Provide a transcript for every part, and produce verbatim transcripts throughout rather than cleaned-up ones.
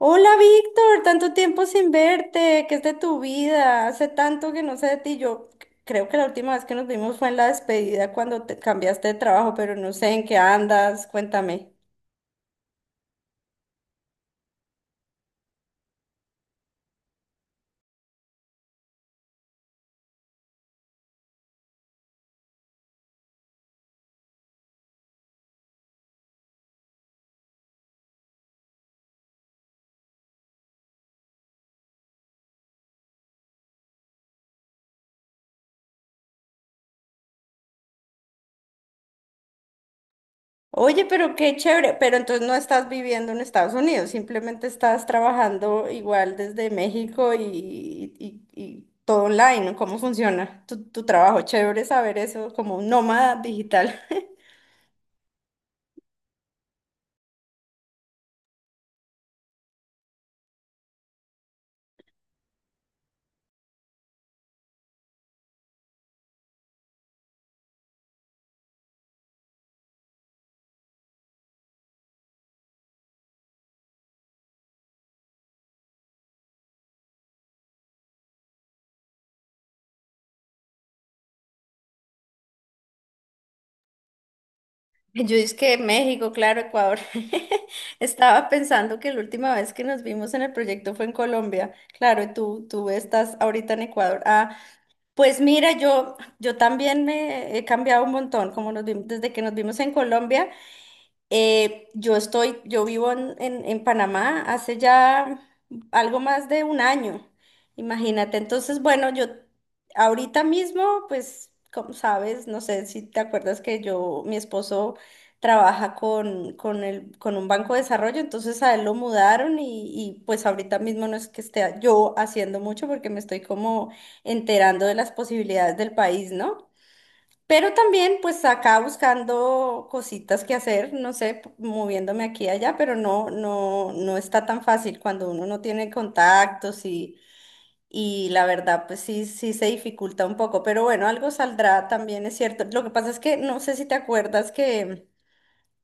Hola Víctor, tanto tiempo sin verte, ¿qué es de tu vida? Hace tanto que no sé de ti. Yo c- creo que la última vez que nos vimos fue en la despedida cuando te cambiaste de trabajo, pero no sé en qué andas, cuéntame. Oye, pero qué chévere, pero entonces no estás viviendo en Estados Unidos, simplemente estás trabajando igual desde México y, y- y todo online, ¿no? ¿Cómo funciona tu, tu trabajo? Chévere saber eso, como un nómada digital. Yo es que México, claro, Ecuador. Estaba pensando que la última vez que nos vimos en el proyecto fue en Colombia. Claro, y tú, tú estás ahorita en Ecuador. Ah, pues mira, yo, yo también me he cambiado un montón, como nos vimos, desde que nos vimos en Colombia. Eh, yo estoy, yo vivo en, en- en Panamá hace ya algo más de un año, imagínate. Entonces, bueno, yo ahorita mismo, pues, como sabes, no sé si te acuerdas que yo, mi esposo trabaja con, con el, con un banco de desarrollo, entonces a él lo mudaron y, y pues ahorita mismo no es que esté yo haciendo mucho porque me estoy como enterando de las posibilidades del país, ¿no? Pero también, pues acá buscando cositas que hacer, no sé, p- moviéndome aquí y allá, pero no, no, no está tan fácil cuando uno no tiene contactos y, y la verdad, pues sí, sí se dificulta un poco. Pero bueno, algo saldrá también, es cierto. Lo que pasa es que no sé si te acuerdas que,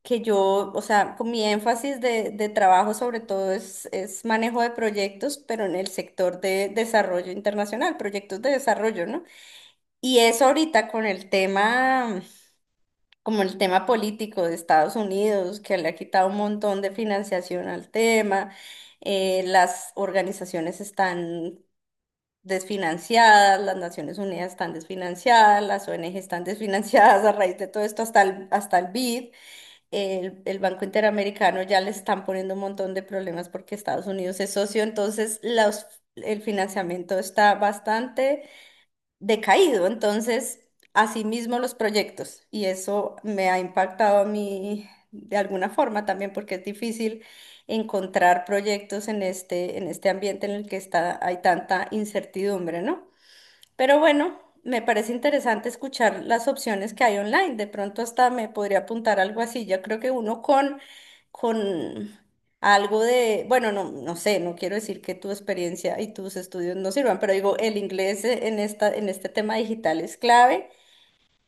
que yo, o sea, con mi énfasis de, de trabajo sobre todo es, es manejo de proyectos, pero en el sector de desarrollo internacional, proyectos de desarrollo, ¿no? Y eso ahorita con el tema como el tema político de Estados Unidos, que le ha quitado un montón de financiación al tema, eh, las organizaciones están desfinanciadas, las Naciones Unidas están desfinanciadas, las O N G están desfinanciadas a raíz de todo esto, hasta el, hasta el B I D, el, el Banco Interamericano ya le están poniendo un montón de problemas porque Estados Unidos es socio, entonces los- el financiamiento está bastante decaído. Entonces, asimismo los proyectos. Y eso me ha impactado a mí de alguna forma también porque es difícil encontrar proyectos en este, en este ambiente en el que está, hay tanta incertidumbre, ¿no? Pero bueno, me parece interesante escuchar las opciones que hay online. De pronto hasta me podría apuntar algo así. Yo creo que uno con, con algo de, bueno, no, no sé, no quiero decir que tu experiencia y tus estudios no sirvan, pero digo, el inglés eh, en esta, en este tema digital es clave.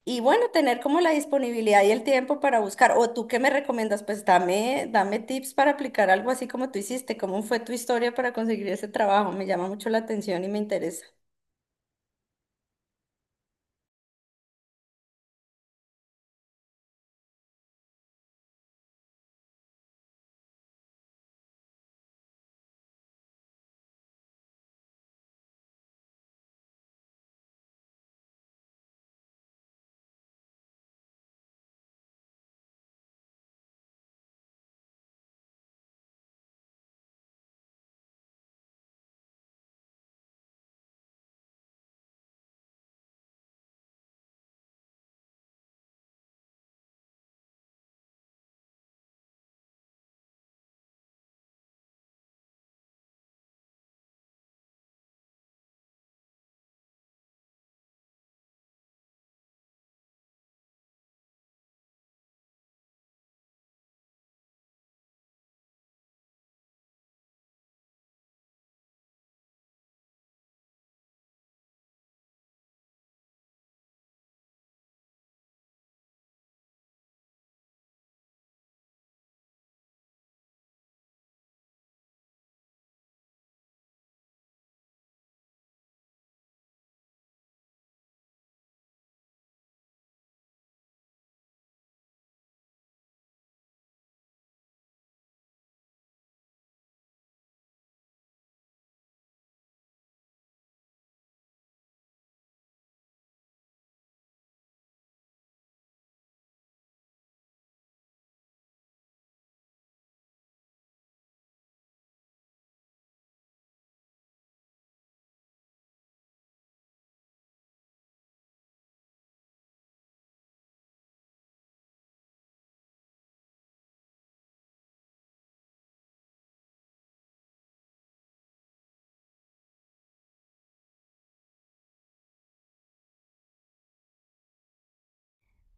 Y bueno, tener como la disponibilidad y el tiempo para buscar. O tú qué me recomiendas, pues dame, dame tips para aplicar algo así como tú hiciste. ¿Cómo fue tu historia para conseguir ese trabajo? Me llama mucho la atención y me interesa.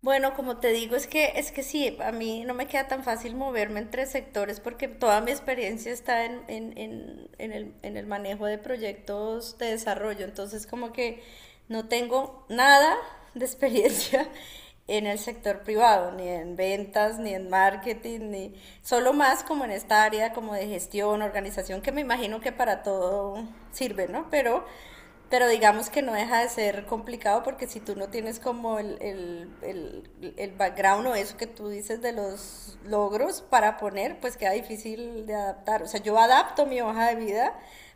Bueno, como te digo, es que es que sí, a mí no me queda tan fácil moverme entre sectores porque toda mi experiencia está en, en, en- en el, en el manejo de proyectos de desarrollo, entonces como que no tengo nada de experiencia en el sector privado, ni en ventas, ni en marketing, ni solo más como en esta área como de gestión, organización, que me imagino que para todo sirve, ¿no? Pero pero digamos que no deja de ser complicado porque si tú no tienes como el, el, el, el background o eso que tú dices de los logros para poner, pues queda difícil de adaptar. O sea, yo adapto mi hoja de vida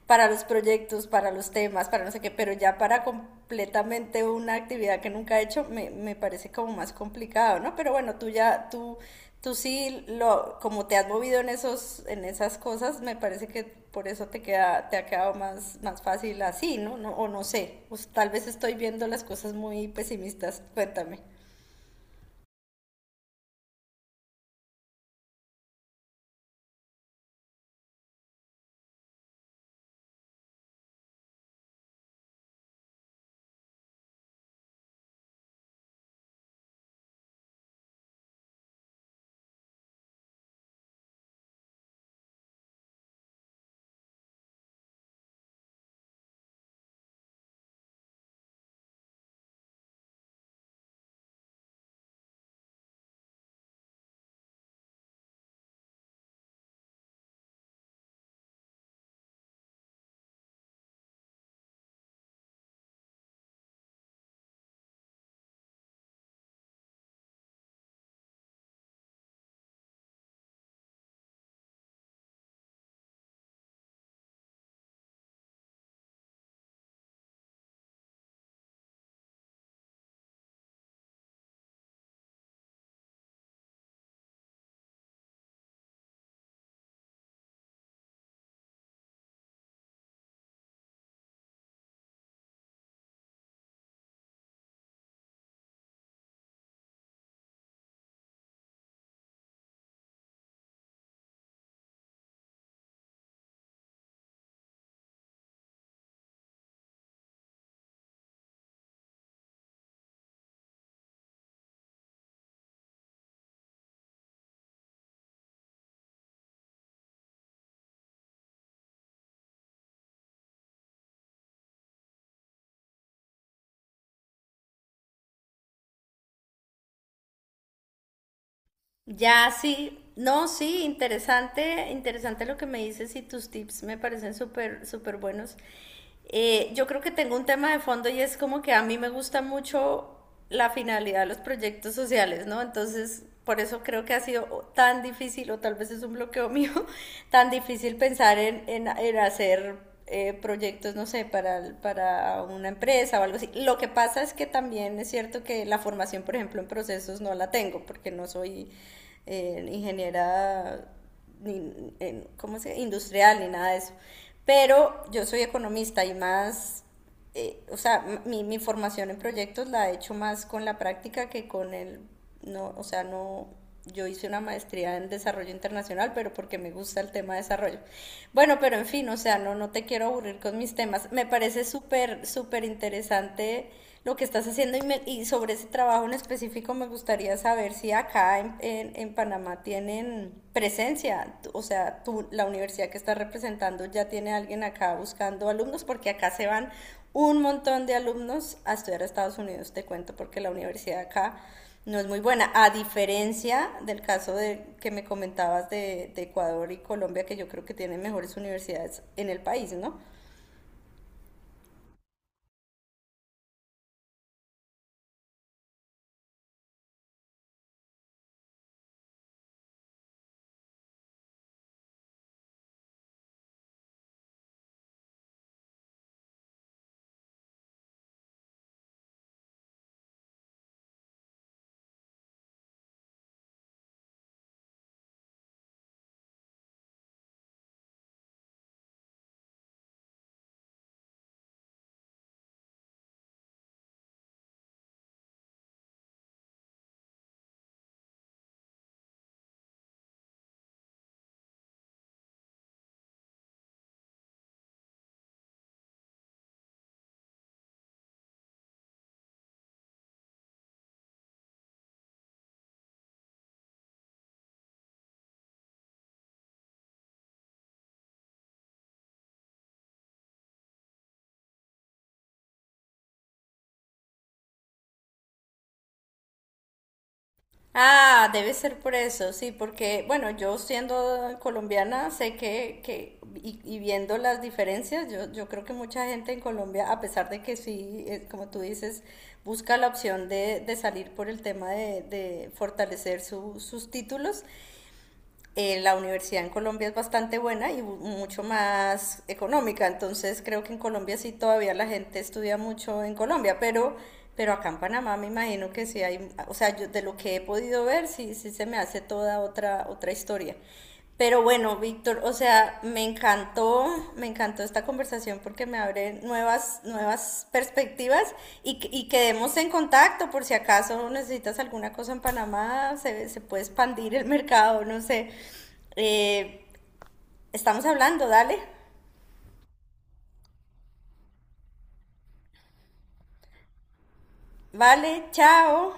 para los proyectos, para los temas, para no sé qué, pero ya para completamente una actividad que nunca he hecho me, me parece como más complicado, ¿no? Pero bueno, tú ya, tú, tú sí, lo, como te has movido en, esos, en esas cosas, me parece que por eso te, queda, te ha quedado más, más fácil así, ¿no? no o no sé, pues, tal vez estoy viendo las cosas muy pesimistas, cuéntame. Ya, sí, no, sí, interesante, interesante lo que me dices y tus tips me parecen súper, súper buenos. Eh, yo creo que tengo un tema de fondo y es como que a mí me gusta mucho la finalidad de los proyectos sociales, ¿no? Entonces, por eso creo que ha sido tan difícil, o tal vez es un bloqueo mío, tan difícil pensar en, en en hacer eh, proyectos, no sé, para, para una empresa o algo así. Lo que pasa es que también es cierto que la formación, por ejemplo, en procesos no la tengo porque no soy eh, ingeniera ni, en, ¿cómo se? Industrial ni nada de eso. Pero yo soy economista y más eh, o sea, mi, mi formación en proyectos la he hecho más con la práctica que con el, no, o sea, no, yo hice una maestría en desarrollo internacional, pero porque me gusta el tema de desarrollo. Bueno, pero en fin, o sea, no, no te quiero aburrir con mis temas. Me parece súper, súper interesante lo que estás haciendo y, me, y sobre ese trabajo en específico me gustaría saber si acá en, en, en Panamá tienen presencia, o sea, tú, la universidad que estás representando ya tiene alguien acá buscando alumnos, porque acá se van un montón de alumnos a estudiar a Estados Unidos, te cuento, porque la universidad acá no es muy buena, a diferencia del caso de, que me comentabas de, de Ecuador y Colombia, que yo creo que tienen mejores universidades en el país, ¿no? Ah, debe ser por eso, sí, porque, bueno, yo siendo colombiana, sé que, que y, y viendo las diferencias, yo, yo creo que mucha gente en Colombia, a pesar de que sí, eh, como tú dices, busca la opción de, de salir por el tema de, de fortalecer su- sus títulos, eh, la universidad en Colombia es bastante buena y bu- mucho más económica, entonces creo que en Colombia sí todavía la gente estudia mucho en Colombia, pero, pero acá en Panamá me imagino que sí hay, o sea, yo de lo que he podido ver sí, sí se me hace toda otra, otra historia. Pero bueno, Víctor, o sea, me encantó, me encantó esta conversación porque me abre nuevas, nuevas perspectivas y, que- y quedemos en contacto por si acaso necesitas alguna cosa en Panamá, se, se puede expandir el mercado, no sé. Eh, estamos hablando, dale. Vale, chao.